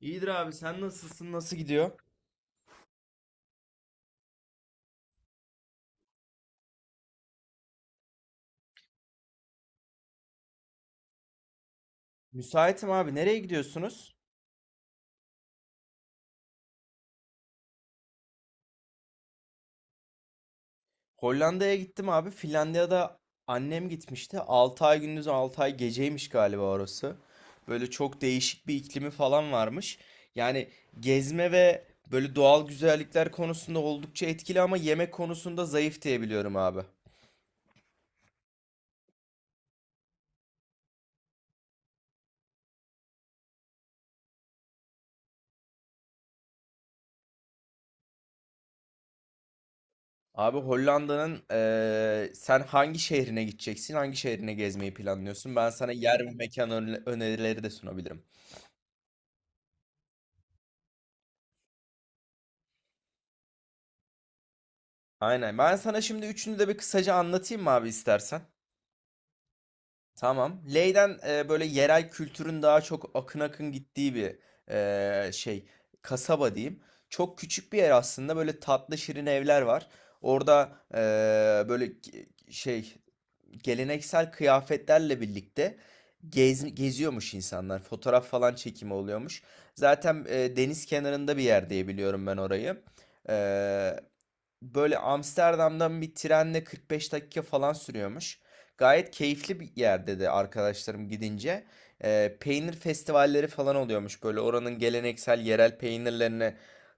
İyidir abi, sen nasılsın, nasıl gidiyor? Müsaitim abi, nereye gidiyorsunuz? Hollanda'ya gittim abi. Finlandiya'da annem gitmişti. 6 ay gündüz 6 ay geceymiş galiba orası. Böyle çok değişik bir iklimi falan varmış. Yani gezme ve böyle doğal güzellikler konusunda oldukça etkili, ama yemek konusunda zayıf diye biliyorum abi. Abi Hollanda'nın sen hangi şehrine gideceksin? Hangi şehrine gezmeyi planlıyorsun? Ben sana yer ve mekan önerileri de sunabilirim. Aynen. Ben sana şimdi üçünü de bir kısaca anlatayım mı abi, istersen? Tamam. Ley'den böyle yerel kültürün daha çok akın akın gittiği bir e, şey kasaba diyeyim. Çok küçük bir yer aslında. Böyle tatlı şirin evler var. Orada e, böyle ge- şey geleneksel kıyafetlerle birlikte geziyormuş insanlar. Fotoğraf falan çekimi oluyormuş. Zaten deniz kenarında bir yer diye biliyorum ben orayı. E, Böyle Amsterdam'dan bir trenle 45 dakika falan sürüyormuş. Gayet keyifli bir yer dedi arkadaşlarım gidince. Peynir festivalleri falan oluyormuş. Böyle oranın geleneksel yerel peynirlerini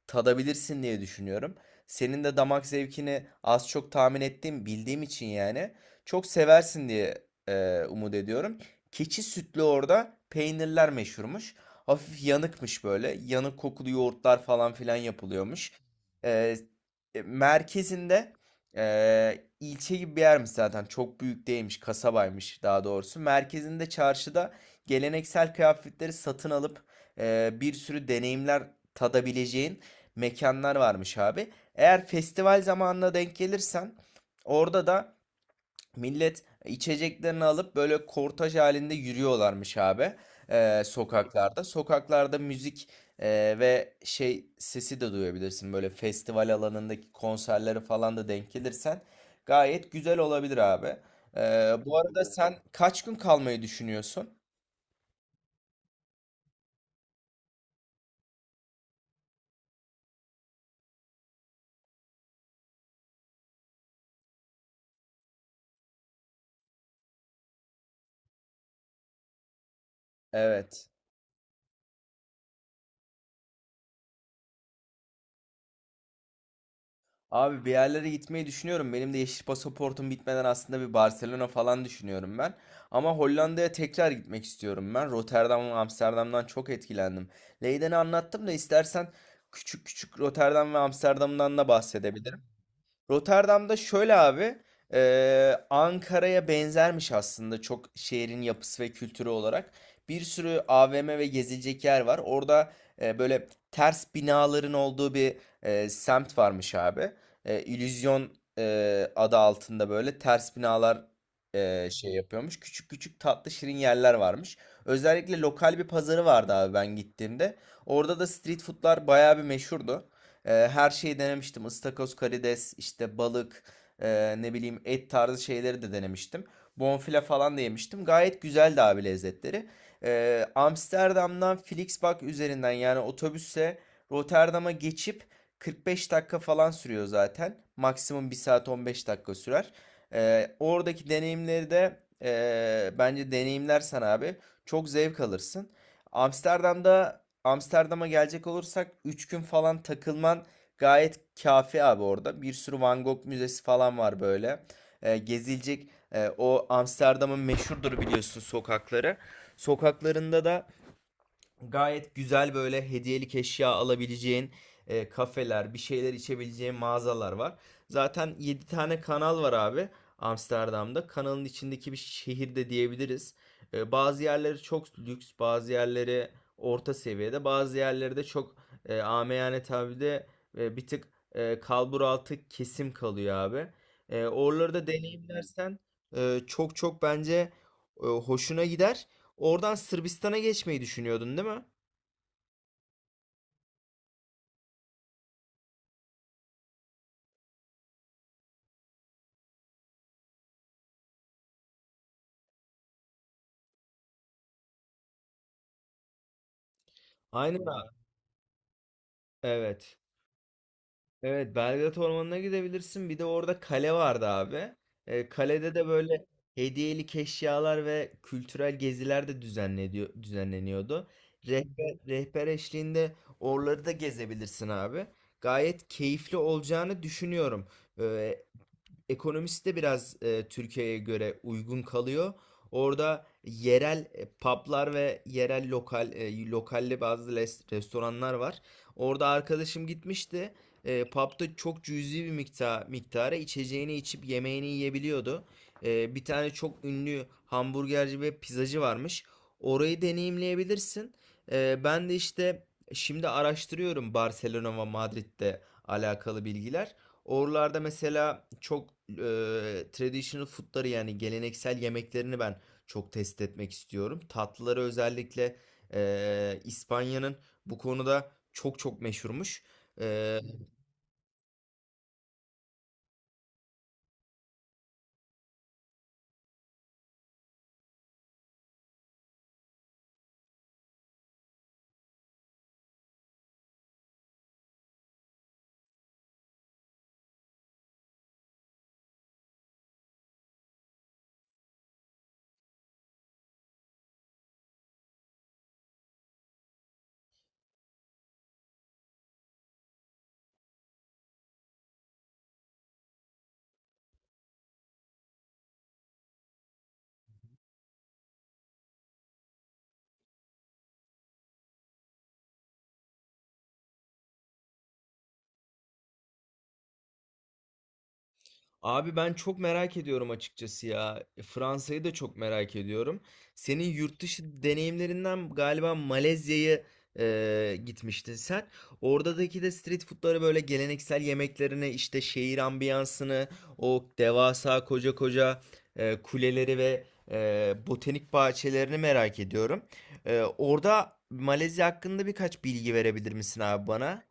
tadabilirsin diye düşünüyorum. Senin de damak zevkini az çok tahmin ettiğim, bildiğim için yani çok seversin diye umut ediyorum. Keçi sütlü orada peynirler meşhurmuş. Hafif yanıkmış böyle. Yanık kokulu yoğurtlar falan filan yapılıyormuş. Ee, Merkezinde, ilçe gibi bir yermiş zaten. Çok büyük değilmiş, kasabaymış daha doğrusu. Merkezinde, çarşıda geleneksel kıyafetleri satın alıp bir sürü deneyimler tadabileceğin mekanlar varmış abi. Eğer festival zamanına denk gelirsen orada da millet içeceklerini alıp böyle kortaj halinde yürüyorlarmış abi, sokaklarda. Sokaklarda müzik ve sesi de duyabilirsin. Böyle festival alanındaki konserleri falan da denk gelirsen gayet güzel olabilir abi. Bu arada sen kaç gün kalmayı düşünüyorsun? Evet. Abi bir yerlere gitmeyi düşünüyorum. Benim de yeşil pasaportum bitmeden aslında bir Barcelona falan düşünüyorum ben. Ama Hollanda'ya tekrar gitmek istiyorum ben. Rotterdam ve Amsterdam'dan çok etkilendim. Leyden'i anlattım da, istersen küçük küçük Rotterdam ve Amsterdam'dan da bahsedebilirim. Rotterdam'da şöyle abi, Ankara'ya benzermiş aslında çok, şehrin yapısı ve kültürü olarak. Bir sürü AVM ve gezilecek yer var. Orada böyle ters binaların olduğu bir semt varmış abi. İllüzyon adı altında böyle ters binalar yapıyormuş. Küçük küçük tatlı şirin yerler varmış. Özellikle lokal bir pazarı vardı abi ben gittiğimde. Orada da street foodlar bayağı bir meşhurdu. Her şeyi denemiştim. Istakoz, karides, işte balık, ne bileyim et tarzı şeyleri de denemiştim. Bonfile falan da yemiştim. Gayet güzeldi abi lezzetleri. Amsterdam'dan Flixbus üzerinden, yani otobüse Rotterdam'a geçip 45 dakika falan sürüyor zaten. Maksimum 1 saat 15 dakika sürer. Oradaki deneyimleri de bence deneyimlersen abi çok zevk alırsın. Amsterdam'da Amsterdam'a gelecek olursak 3 gün falan takılman gayet kafi abi orada. Bir sürü Van Gogh müzesi falan var böyle. Gezilecek e, o Amsterdam'ın meşhurdur biliyorsun sokakları. Sokaklarında da gayet güzel, böyle hediyelik eşya alabileceğin kafeler, bir şeyler içebileceğin mağazalar var. Zaten 7 tane kanal var abi Amsterdam'da. Kanalın içindeki bir şehir de diyebiliriz. Bazı yerleri çok lüks, bazı yerleri orta seviyede, bazı yerleri de çok amiyane tabirle bir tık kalbur altı kesim kalıyor abi. Oraları da deneyimlersen çok çok bence hoşuna gider. Oradan Sırbistan'a geçmeyi düşünüyordun değil mi? Aynen abi. Evet. Evet, Belgrad Ormanı'na gidebilirsin. Bir de orada kale vardı abi. Kalede de böyle hediyelik eşyalar ve kültürel geziler de düzenleniyordu. Rehber eşliğinde oraları da gezebilirsin abi. Gayet keyifli olacağını düşünüyorum. Ee, Ekonomisi de biraz Türkiye'ye göre uygun kalıyor. Orada yerel publar ve yerel lokal restoranlar var. Orada arkadaşım gitmişti. Pub'da çok cüzi bir miktara içeceğini içip yemeğini yiyebiliyordu. Bir tane çok ünlü hamburgerci ve pizzacı varmış. Orayı deneyimleyebilirsin. Ben de işte şimdi araştırıyorum Barcelona ve Madrid'de alakalı bilgiler. Oralarda mesela çok traditional food'ları, yani geleneksel yemeklerini ben çok test etmek istiyorum. Tatlıları özellikle İspanya'nın bu konuda çok çok meşhurmuş. E, Abi ben çok merak ediyorum açıkçası ya. Fransa'yı da çok merak ediyorum. Senin yurt dışı deneyimlerinden galiba Malezya'ya gitmiştin sen. Oradaki de street food'ları, böyle geleneksel yemeklerini, işte şehir ambiyansını, o devasa koca koca kuleleri ve botanik bahçelerini merak ediyorum. Orada Malezya hakkında birkaç bilgi verebilir misin abi bana?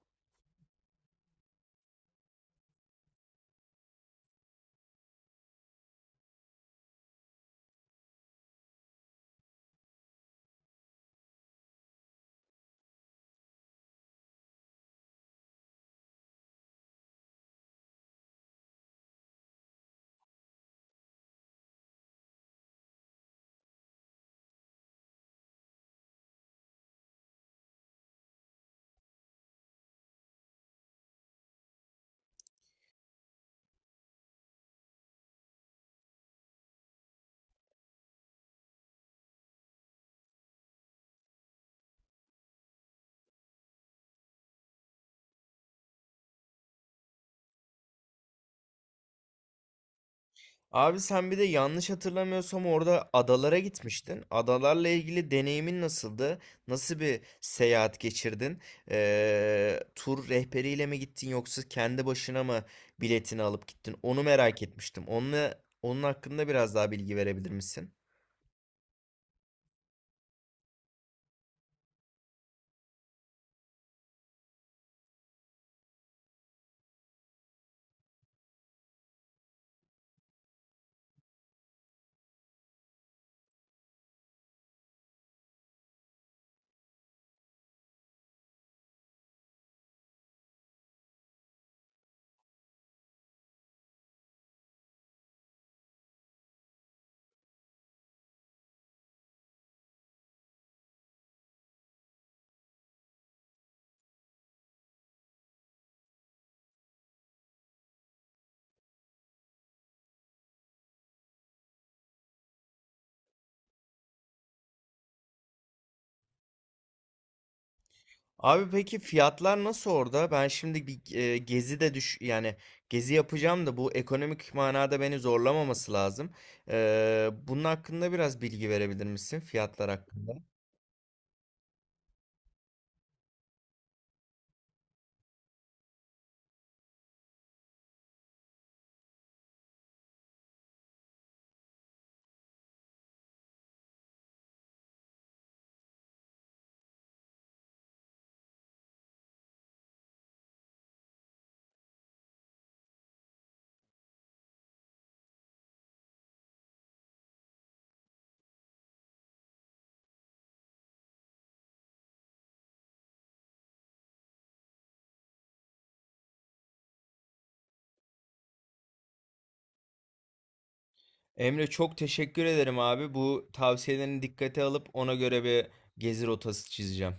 Abi sen bir de yanlış hatırlamıyorsam orada adalara gitmiştin. Adalarla ilgili deneyimin nasıldı? Nasıl bir seyahat geçirdin? Tur rehberiyle mi gittin, yoksa kendi başına mı biletini alıp gittin? Onu merak etmiştim. Onun hakkında biraz daha bilgi verebilir misin? Abi peki fiyatlar nasıl orada? Ben şimdi bir e, gezi de düş yani gezi yapacağım da, bu ekonomik manada beni zorlamaması lazım. Bunun hakkında biraz bilgi verebilir misin fiyatlar hakkında? Emre çok teşekkür ederim abi. Bu tavsiyelerini dikkate alıp ona göre bir gezi rotası çizeceğim.